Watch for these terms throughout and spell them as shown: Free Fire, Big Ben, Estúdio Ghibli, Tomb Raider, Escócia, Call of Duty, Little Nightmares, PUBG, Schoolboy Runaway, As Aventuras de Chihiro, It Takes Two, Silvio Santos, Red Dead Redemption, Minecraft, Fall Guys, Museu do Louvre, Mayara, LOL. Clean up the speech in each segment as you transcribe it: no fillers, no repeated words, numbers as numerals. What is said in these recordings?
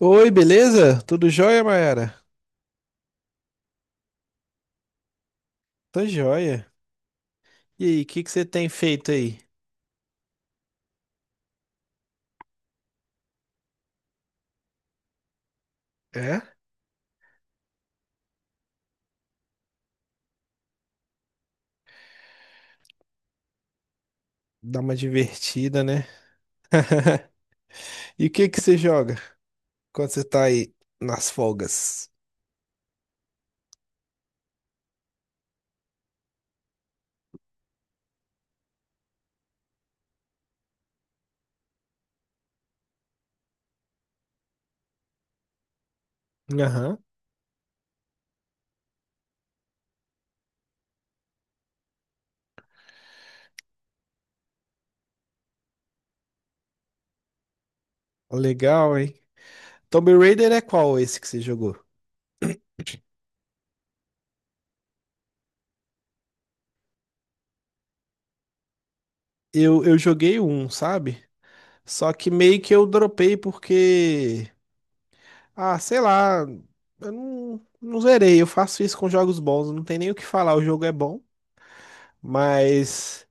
Oi, beleza? Tudo jóia, Mayara? Tô jóia. E aí, o que que você tem feito aí? É? Dá uma divertida, né? E o que que você joga quando você tá aí nas folgas? Aham, legal, hein? Tomb Raider é qual esse que você jogou? Eu joguei um, sabe? Só que meio que eu dropei porque. Ah, sei lá. Eu não zerei. Eu faço isso com jogos bons. Não tem nem o que falar. O jogo é bom. Mas.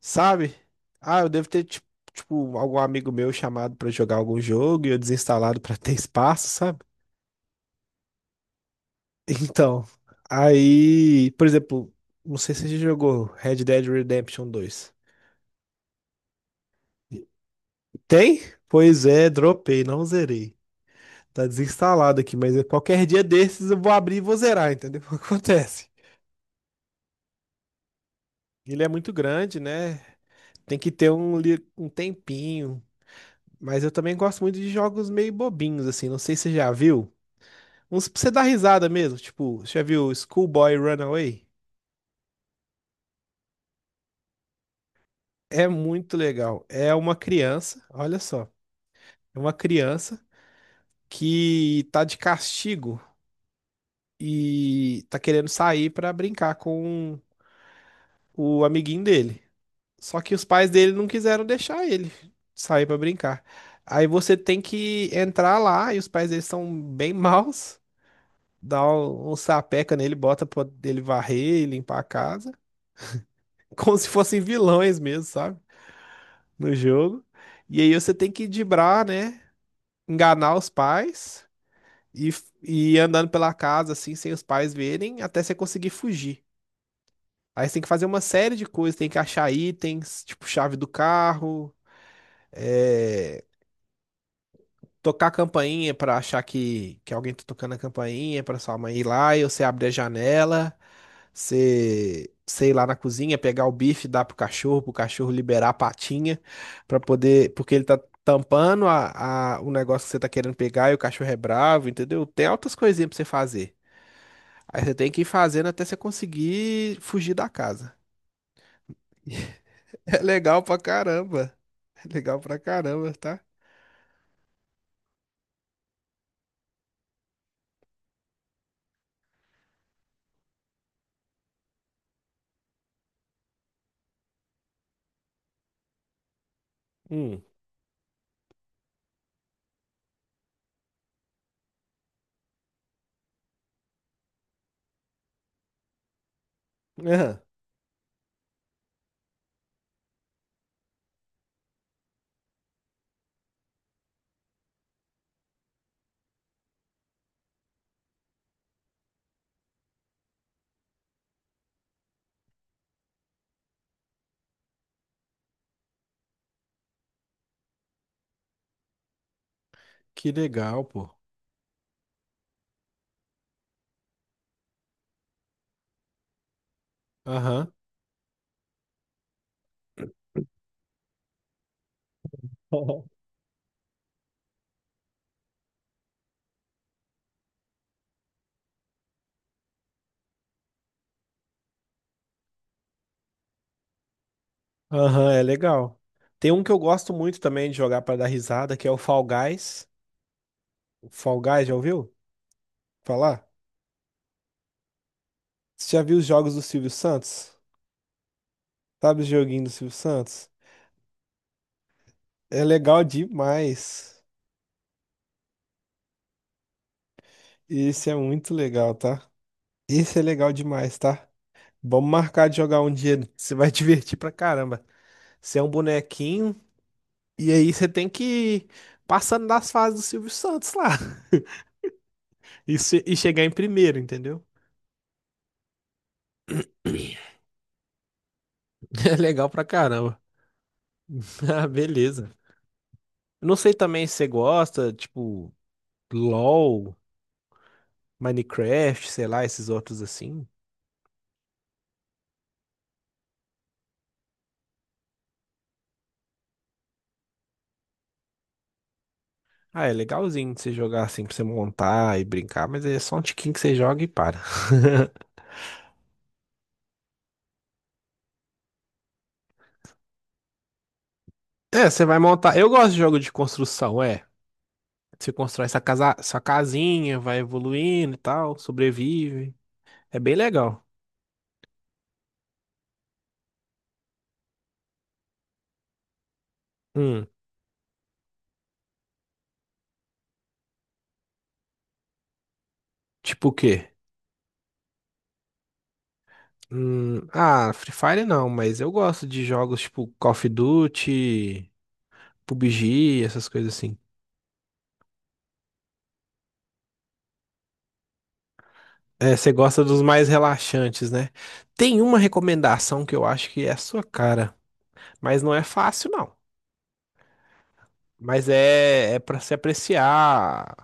Sabe? Ah, eu devo ter, tipo, tipo, algum amigo meu chamado pra jogar algum jogo e eu desinstalado pra ter espaço, sabe? Então, aí, por exemplo, não sei se você já jogou Red Dead Redemption dois. Tem? Pois é, dropei, não zerei. Tá desinstalado aqui, mas qualquer dia desses eu vou abrir e vou zerar, entendeu? Acontece. Ele é muito grande, né? Tem que ter um, um tempinho. Mas eu também gosto muito de jogos meio bobinhos, assim. Não sei se você já viu. Uns pra você dar risada mesmo, tipo, você já viu Schoolboy Runaway? É muito legal. É uma criança, olha só, é uma criança que tá de castigo e tá querendo sair pra brincar com o amiguinho dele. Só que os pais dele não quiseram deixar ele sair pra brincar. Aí você tem que entrar lá e os pais dele são bem maus, dá um, um sapeca nele, bota pra ele varrer e limpar a casa, como se fossem vilões mesmo, sabe? No jogo. E aí você tem que driblar, né? Enganar os pais e ir andando pela casa, assim, sem os pais verem, até você conseguir fugir. Aí você tem que fazer uma série de coisas, tem que achar itens, tipo chave do carro, é, tocar a campainha pra achar que alguém tá tocando a campainha pra sua mãe ir lá, e você abre a janela. Você, sei lá, na cozinha, pegar o bife, dar pro cachorro liberar a patinha, pra poder. Porque ele tá tampando a, o negócio que você tá querendo pegar e o cachorro é bravo, entendeu? Tem altas coisinhas pra você fazer. Aí você tem que ir fazendo até você conseguir fugir da casa. É legal pra caramba. É legal pra caramba, tá? Hum. Aham. Que legal, pô. Aham. Aham, é legal. Tem um que eu gosto muito também de jogar pra dar risada, que é o Fall Guys. Fall Guys, já ouviu falar? Você já viu os jogos do Silvio Santos? Sabe o joguinho do Silvio Santos? É legal demais. Esse é muito legal, tá? Esse é legal demais, tá? Vamos marcar de jogar um dia. Você vai divertir pra caramba. Você é um bonequinho e aí você tem que ir passando das fases do Silvio Santos lá e, se- e chegar em primeiro, entendeu? É legal pra caramba. Ah, beleza. Eu não sei também se você gosta, tipo, LOL. Minecraft, sei lá, esses outros assim. Ah, é legalzinho de você jogar assim pra você montar e brincar, mas é só um tiquinho que você joga e para. É, você vai montar. Eu gosto de jogo de construção, é. Você constrói essa casa, sua casinha, vai evoluindo e tal, sobrevive. É bem legal. Hum, tipo o quê? Ah, Free Fire não, mas eu gosto de jogos tipo Call of Duty, PUBG, essas coisas assim. É, você gosta dos mais relaxantes, né? Tem uma recomendação que eu acho que é a sua cara, mas não é fácil, não. Mas é, é para se apreciar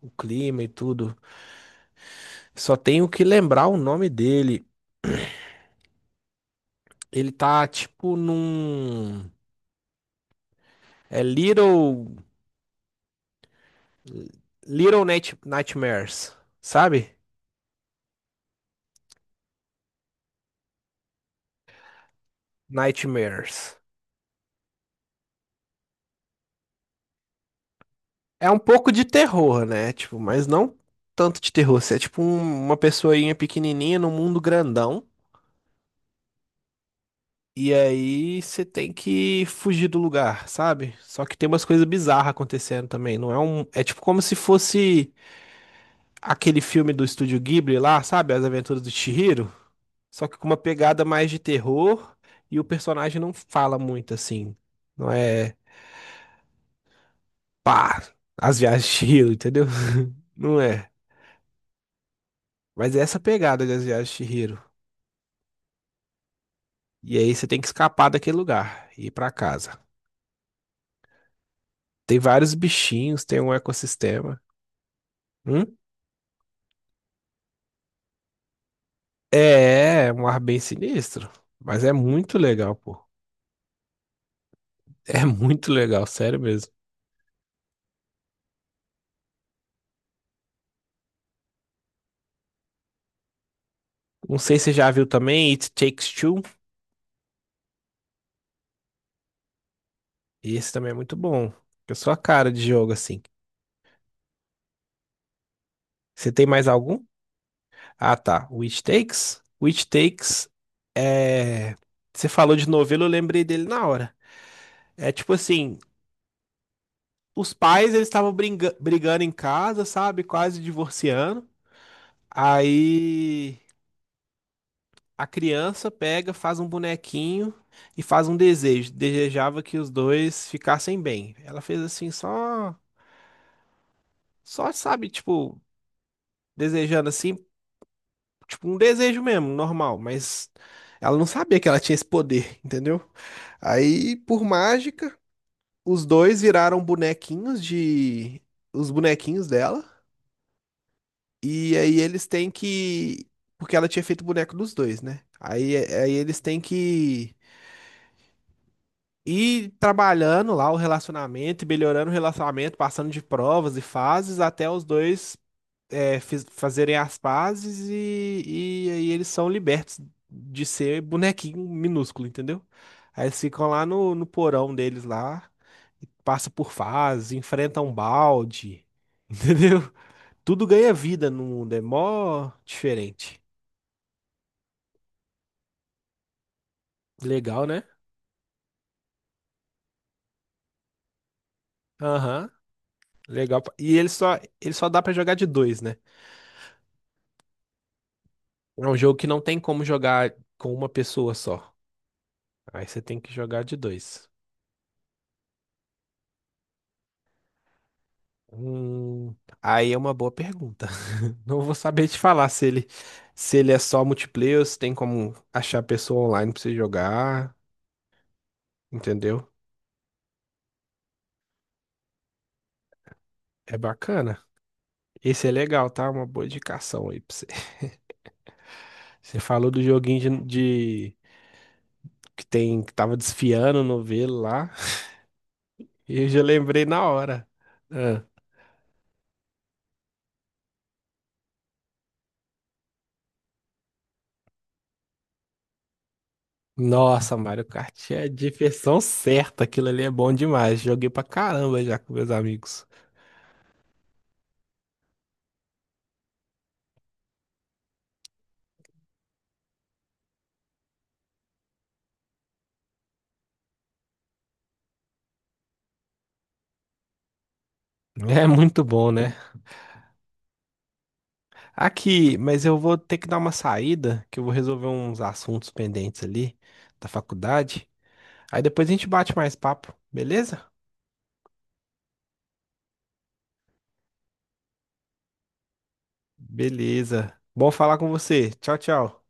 o clima e tudo. Só tenho que lembrar o nome dele. Ele tá tipo num. É Little. Little Nightmares, sabe? Nightmares. É um pouco de terror, né? Tipo, mas não tanto de terror. Você é tipo uma pessoinha pequenininha num mundo grandão. E aí você tem que fugir do lugar, sabe? Só que tem umas coisas bizarras acontecendo também. Não é um. É tipo como se fosse aquele filme do Estúdio Ghibli lá, sabe? As Aventuras do Chihiro. Só que com uma pegada mais de terror e o personagem não fala muito assim. Não é. Pá! As viagens de Chihiro, entendeu? Não é. Mas é essa pegada das viagens de Chihiro. E aí você tem que escapar daquele lugar e ir pra casa. Tem vários bichinhos, tem um ecossistema. Hum? É, é um ar bem sinistro, mas é muito legal, pô. É muito legal, sério mesmo. Não sei se você já viu também It Takes Two. Esse também é muito bom. Eu sou a cara de jogo assim. Você tem mais algum? Ah, tá. O It Takes. O It Takes é. Você falou de novelo, eu lembrei dele na hora. É tipo assim, os pais eles estavam brigando em casa, sabe? Quase divorciando. Aí a criança pega, faz um bonequinho e faz um desejo. Desejava que os dois ficassem bem. Ela fez assim, só, só sabe, tipo, desejando assim, tipo um desejo mesmo, normal, mas ela não sabia que ela tinha esse poder, entendeu? Aí, por mágica, os dois viraram bonequinhos de os bonequinhos dela e aí eles têm que porque ela tinha feito o boneco dos dois, né? Aí, aí eles têm que e trabalhando lá o relacionamento, e melhorando o relacionamento, passando de provas e fases, até os dois fazerem as pazes e aí eles são libertos de ser bonequinho minúsculo, entendeu? Aí eles ficam lá no porão deles lá, e passa por fases, enfrenta um balde, entendeu? Tudo ganha vida no mundo, é mó diferente. Legal, né? Aham, legal. E ele só dá pra jogar de dois, né? É um jogo que não tem como jogar com uma pessoa só. Aí você tem que jogar de dois. Hum, aí é uma boa pergunta. Não vou saber te falar se ele, se ele é só multiplayer, ou se tem como achar pessoa online pra você jogar, entendeu? É bacana. Esse é legal, tá? Uma boa indicação aí pra você. Você falou do joguinho que tem que tava desfiando no novelo lá, e eu já lembrei na hora. Ah. Nossa, Mario Kart é diversão certa. Aquilo ali é bom demais. Joguei pra caramba já com meus amigos. É muito bom, né? Aqui, mas eu vou ter que dar uma saída, que eu vou resolver uns assuntos pendentes ali da faculdade. Aí depois a gente bate mais papo, beleza? Beleza. Bom falar com você. Tchau, tchau.